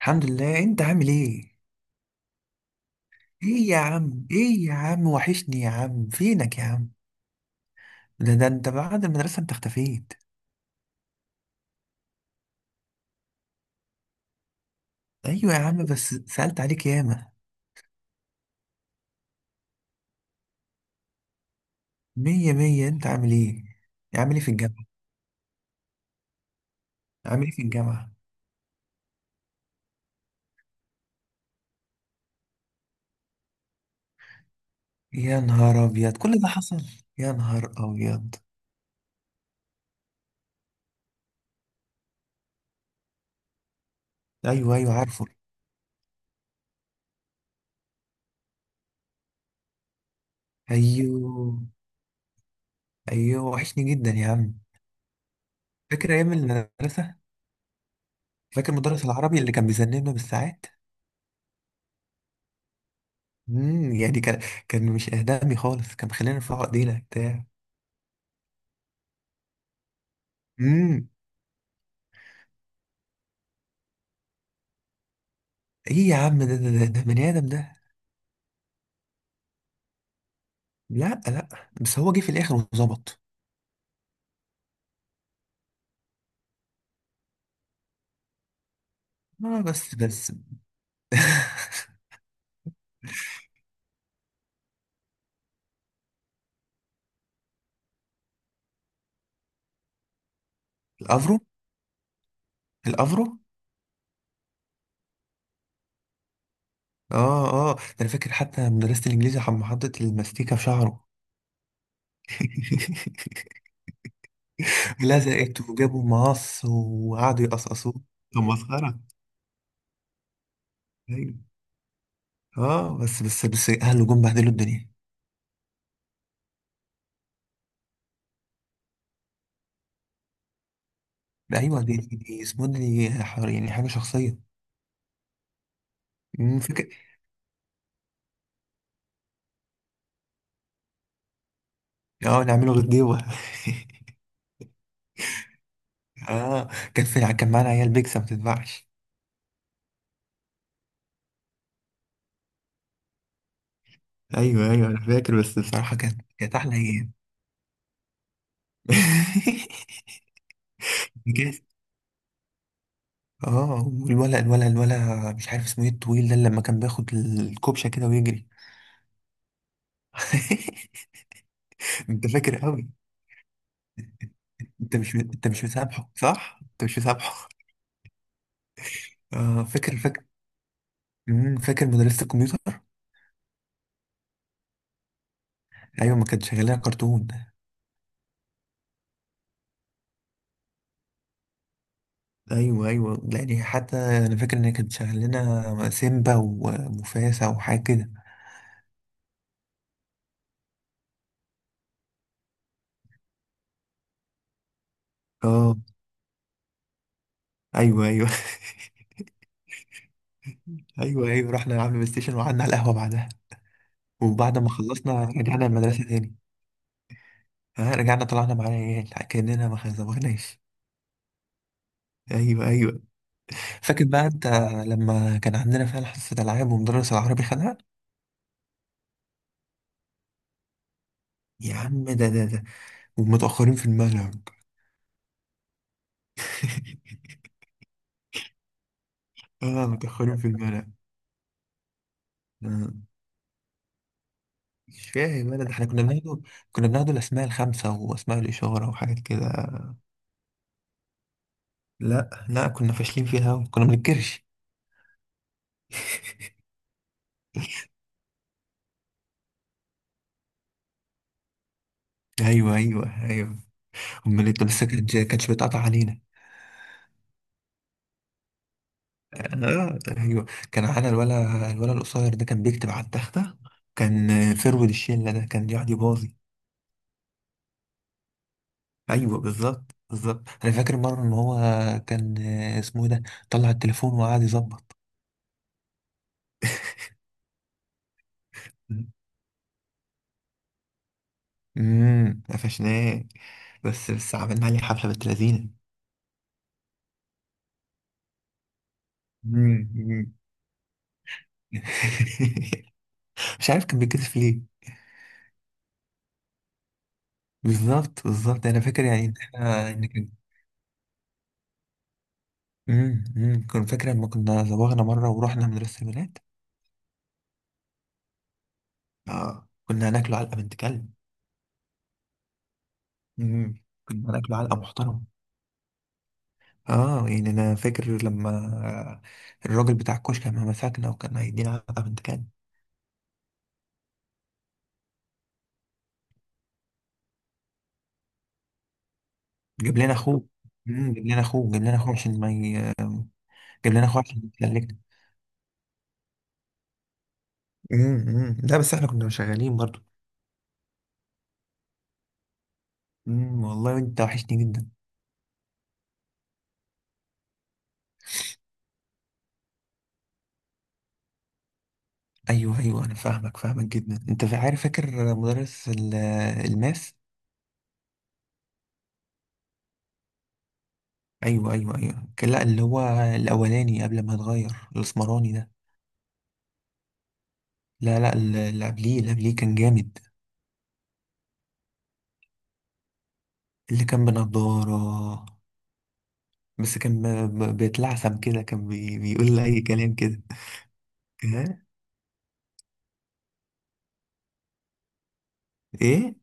الحمد لله، انت عامل ايه؟ ايه يا عم، ايه يا عم، وحشني يا عم، فينك يا عم؟ ده انت بعد المدرسة انت اختفيت. ايوه يا عم، بس سألت عليك ياما. مية مية، انت عامل ايه؟ عامل ايه في الجامعة؟ عامل ايه في الجامعة؟ يا نهار ابيض، كل ده حصل؟ يا نهار ابيض. ايوه ايوه عارفه. ايوه ايوه وحشني جدا يا عم. فاكر ايام المدرسة؟ فاكر مدرس العربي اللي كان بيذنبنا بالساعات؟ يعني كان، كان مش اهدامي خالص، كان بيخلينا نرفع ايدينا بتاع امم ايه يا عم، ده بني ادم ده. لا لا، بس هو جه في الاخر وظبط. اه بس. الافرو. الافرو. اه اه، ده انا فاكر حتى مدرسة الانجليزي حطت الماستيكة في شعره. لزقت وجابوا مقص وقعدوا يقصقصوه. كان مسخرة. ايوه. اه بس اهله جم بهدلوا الدنيا. ده ايوه، دي اسمه، يعني حاجة شخصية. فاكر. اه نعمله غديوة. اه كان كان معانا عيال بيكسب ما بتتباعش. ايوه ايوه انا فاكر، بس بصراحه كانت كانت احلى ايام. جاز. اه، والولا الولا الولا مش عارف اسمه ايه، الطويل ده اللي لما كان بياخد الكوبشه كده ويجري. انت فاكر قوي. انت مش مسامحه، صح؟ انت مش مسامحه. اه فاكر فاكر. فاكر مدرسه الكمبيوتر. ايوه، ما كانت شغاله لنا كرتون. ايوه ايوه، يعني حتى انا فاكر ان هي كانت شغاله لنا سيمبا ومفاسه وحاجه كده. اه ايوه ايوه. ايوه ايوه، رحنا لعبنا بلاي ستيشن وقعدنا على القهوه بعدها. وبعد ما خلصنا رجعنا المدرسه تاني. ها رجعنا طلعنا مع العيال كاننا ما خزمناش. ايوه ايوه. فاكر بقى انت لما كان عندنا فعلا حصه العاب، ومدرس العربي خدها؟ يا عم ده ومتاخرين في المنهج. اه متاخرين في المنهج. آه، مش فاهم انا، ده احنا كنا بناخده، كنا بناخده الاسماء الخمسه واسماء الاشاره وحاجات كده. لا لا، كنا فاشلين فيها أوي، كنا بنتكرش. ايوه ايوه ايوه. امال انت؟ بس كانت، كانتش بتقطع علينا. آه ايوه. كان معانا الولا القصير ده كان بيكتب على التخته. كان فرود الشله ده كان يقعد يباظي. ايوه بالظبط بالظبط، انا فاكر مره ان هو كان، اسمه إيه ده، طلع التليفون وقعد يظبط. قفشناه، بس عملنا عليه حفله بنت لذينه. مم، مم. مش عارف كان بيتكسف ليه. بالظبط بالظبط، انا فاكر يعني ان احنا ان كان. كنت فاكر لما كنا زوغنا مرة ورحنا مدرسة البنات؟ اه كنا هناكله علقة بنت كلب. كنا هناكله علقة محترمة. اه يعني انا فاكر لما الراجل بتاع الكشك لما مسكنا وكان هيدينا علقة بنت كلب. جاب لنا اخوه. جاب لنا اخوه، جاب لنا اخوه عشان ما ي... جاب لنا اخوه عشان يسلكنا. لا بس احنا كنا شغالين برضو. والله انت وحشني جدا. ايوه ايوه، انا فاهمك فاهمك جدا. عارف فاكر الماس؟ ايوه ايوه ايوه، لا اللي هو الاولاني قبل ما اتغير، الاسمراني ده. لا لا، اللي قبليه كان جامد. اللي كان بنضارة. بس كان بيتلعثم كده، كان بيقول اي كلام كده. إيه؟ ايه.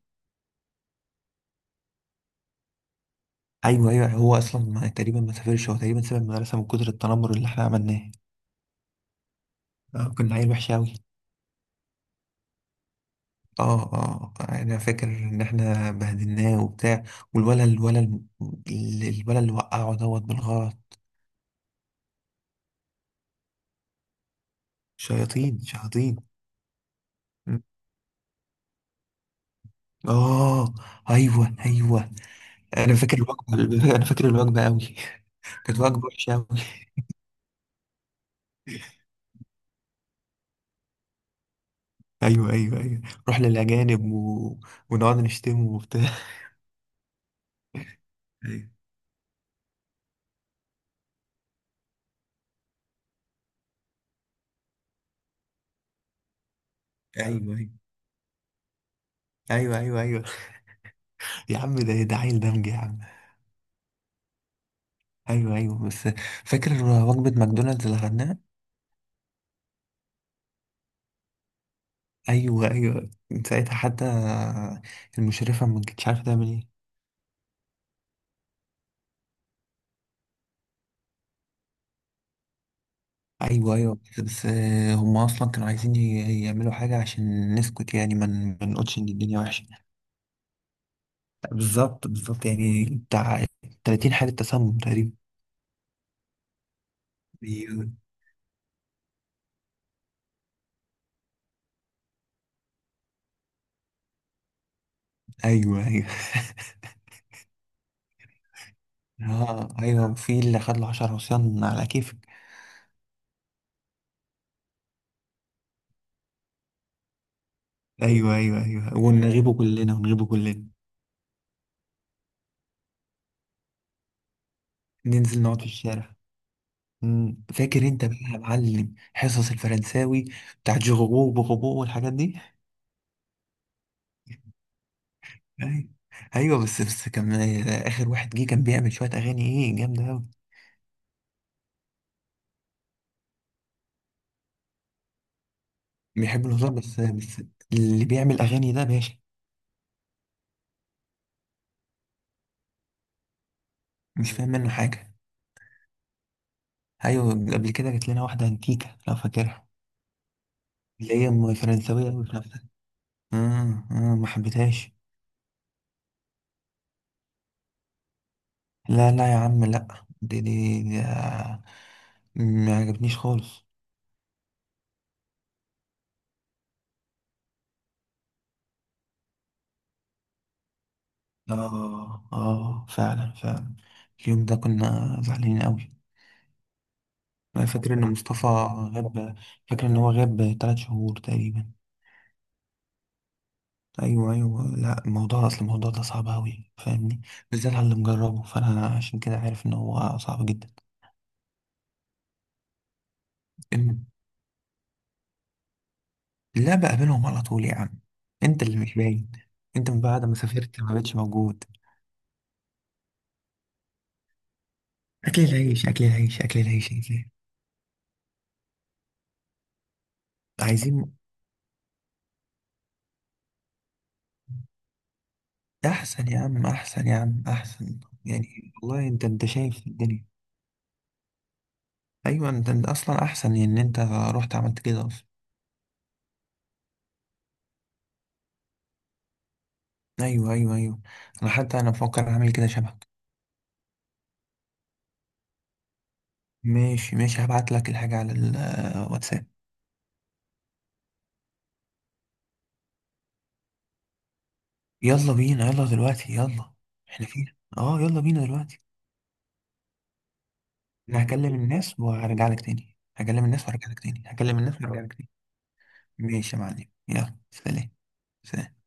ايوه ايوه، هو اصلا ما، تقريبا ما سافرش، هو تقريبا ساب المدرسه من كتر التنمر اللي احنا عملناه. كنا عيل وحش قوي. اه اه آه. انا فاكر ان احنا بهدلناه وبتاع. والولد الولد الولد اللي وقعه دوت بالغلط. شياطين شياطين. اه ايوه ايوه، انا فاكر الوجبه. انا فاكر الوجبه قوي، كانت وجبه وحشه قوي. ايوه ايوه ايوه، رحنا للاجانب ونقعد نشتمه وبتاع. ايوه ايوه ايوه ايوه ايوه ايوه، يا عم ده عيل دمج يا عم. ايوه ايوه، بس فاكر وجبه ماكدونالدز اللي خدناها؟ ايوه ايوه، من ساعتها حتى المشرفه ما كانتش عارفه تعمل ايه. ايوه ايوه بس هم اصلا كانوا عايزين يعملوا حاجه عشان نسكت، يعني ما نقولش ان الدنيا وحشه. بالظبط بالظبط، يعني بتاع 30 حالة تسمم تقريبا. أيوه أيوه أيوه. اه ايوه، في اللي خد له 10 عصيان على كيفك. ايوه ايوه ايوه، ونغيبه كلنا، ونغيبه كلنا. ننزل نقعد في الشارع. مم. فاكر انت بقى يا معلم حصص الفرنساوي بتاعت جوجو وبوغوبو والحاجات دي؟ ايوه ايوه بس كان اخر واحد جه كان بيعمل شويه اغاني، ايه جامده قوي. بيحب الهزار، بس اللي بيعمل اغاني ده باشا. مش فاهم منه حاجه. ايوه، قبل كده جات لنا واحده انتيكه، لو فاكرها؟ اللي هي فرنساويه قوي في نفسها. ما حبيتهاش. لا لا يا عم لا، دي ما عجبنيش خالص. اه اه فعلا فعلا، اليوم ده كنا زعلانين قوي. انا فاكر ان مصطفى غاب. فاكر ان هو غاب 3 شهور تقريبا. ايوه ايوه، لا الموضوع، اصل الموضوع ده صعب قوي، فاهمني؟ بالذات على اللي مجربه، فانا عشان كده عارف ان هو صعب. جدا. لا بقابلهم على طول يا عم. انت اللي مش باين، انت من بعد ما سافرت ما بقتش موجود. اكل العيش، اكل العيش، اكل العيش يا زين. عايزين. احسن يا عم، احسن يا عم، احسن، يعني والله انت، انت شايف الدنيا. ايوه انت اصلا احسن ان انت رحت عملت كده اصلا. ايوه ايوه ايوه، انا حتى انا بفكر اعمل كده شبهك. ماشي ماشي، هبعت لك الحاجه على الواتساب. يلا بينا، يلا دلوقتي، يلا. احنا فين؟ اه يلا بينا دلوقتي. انا هكلم الناس وهرجع لك تاني، هكلم الناس وهرجع لك تاني، هكلم الناس وهرجع لك تاني. ماشي يا معلم، يلا سلام. سلام.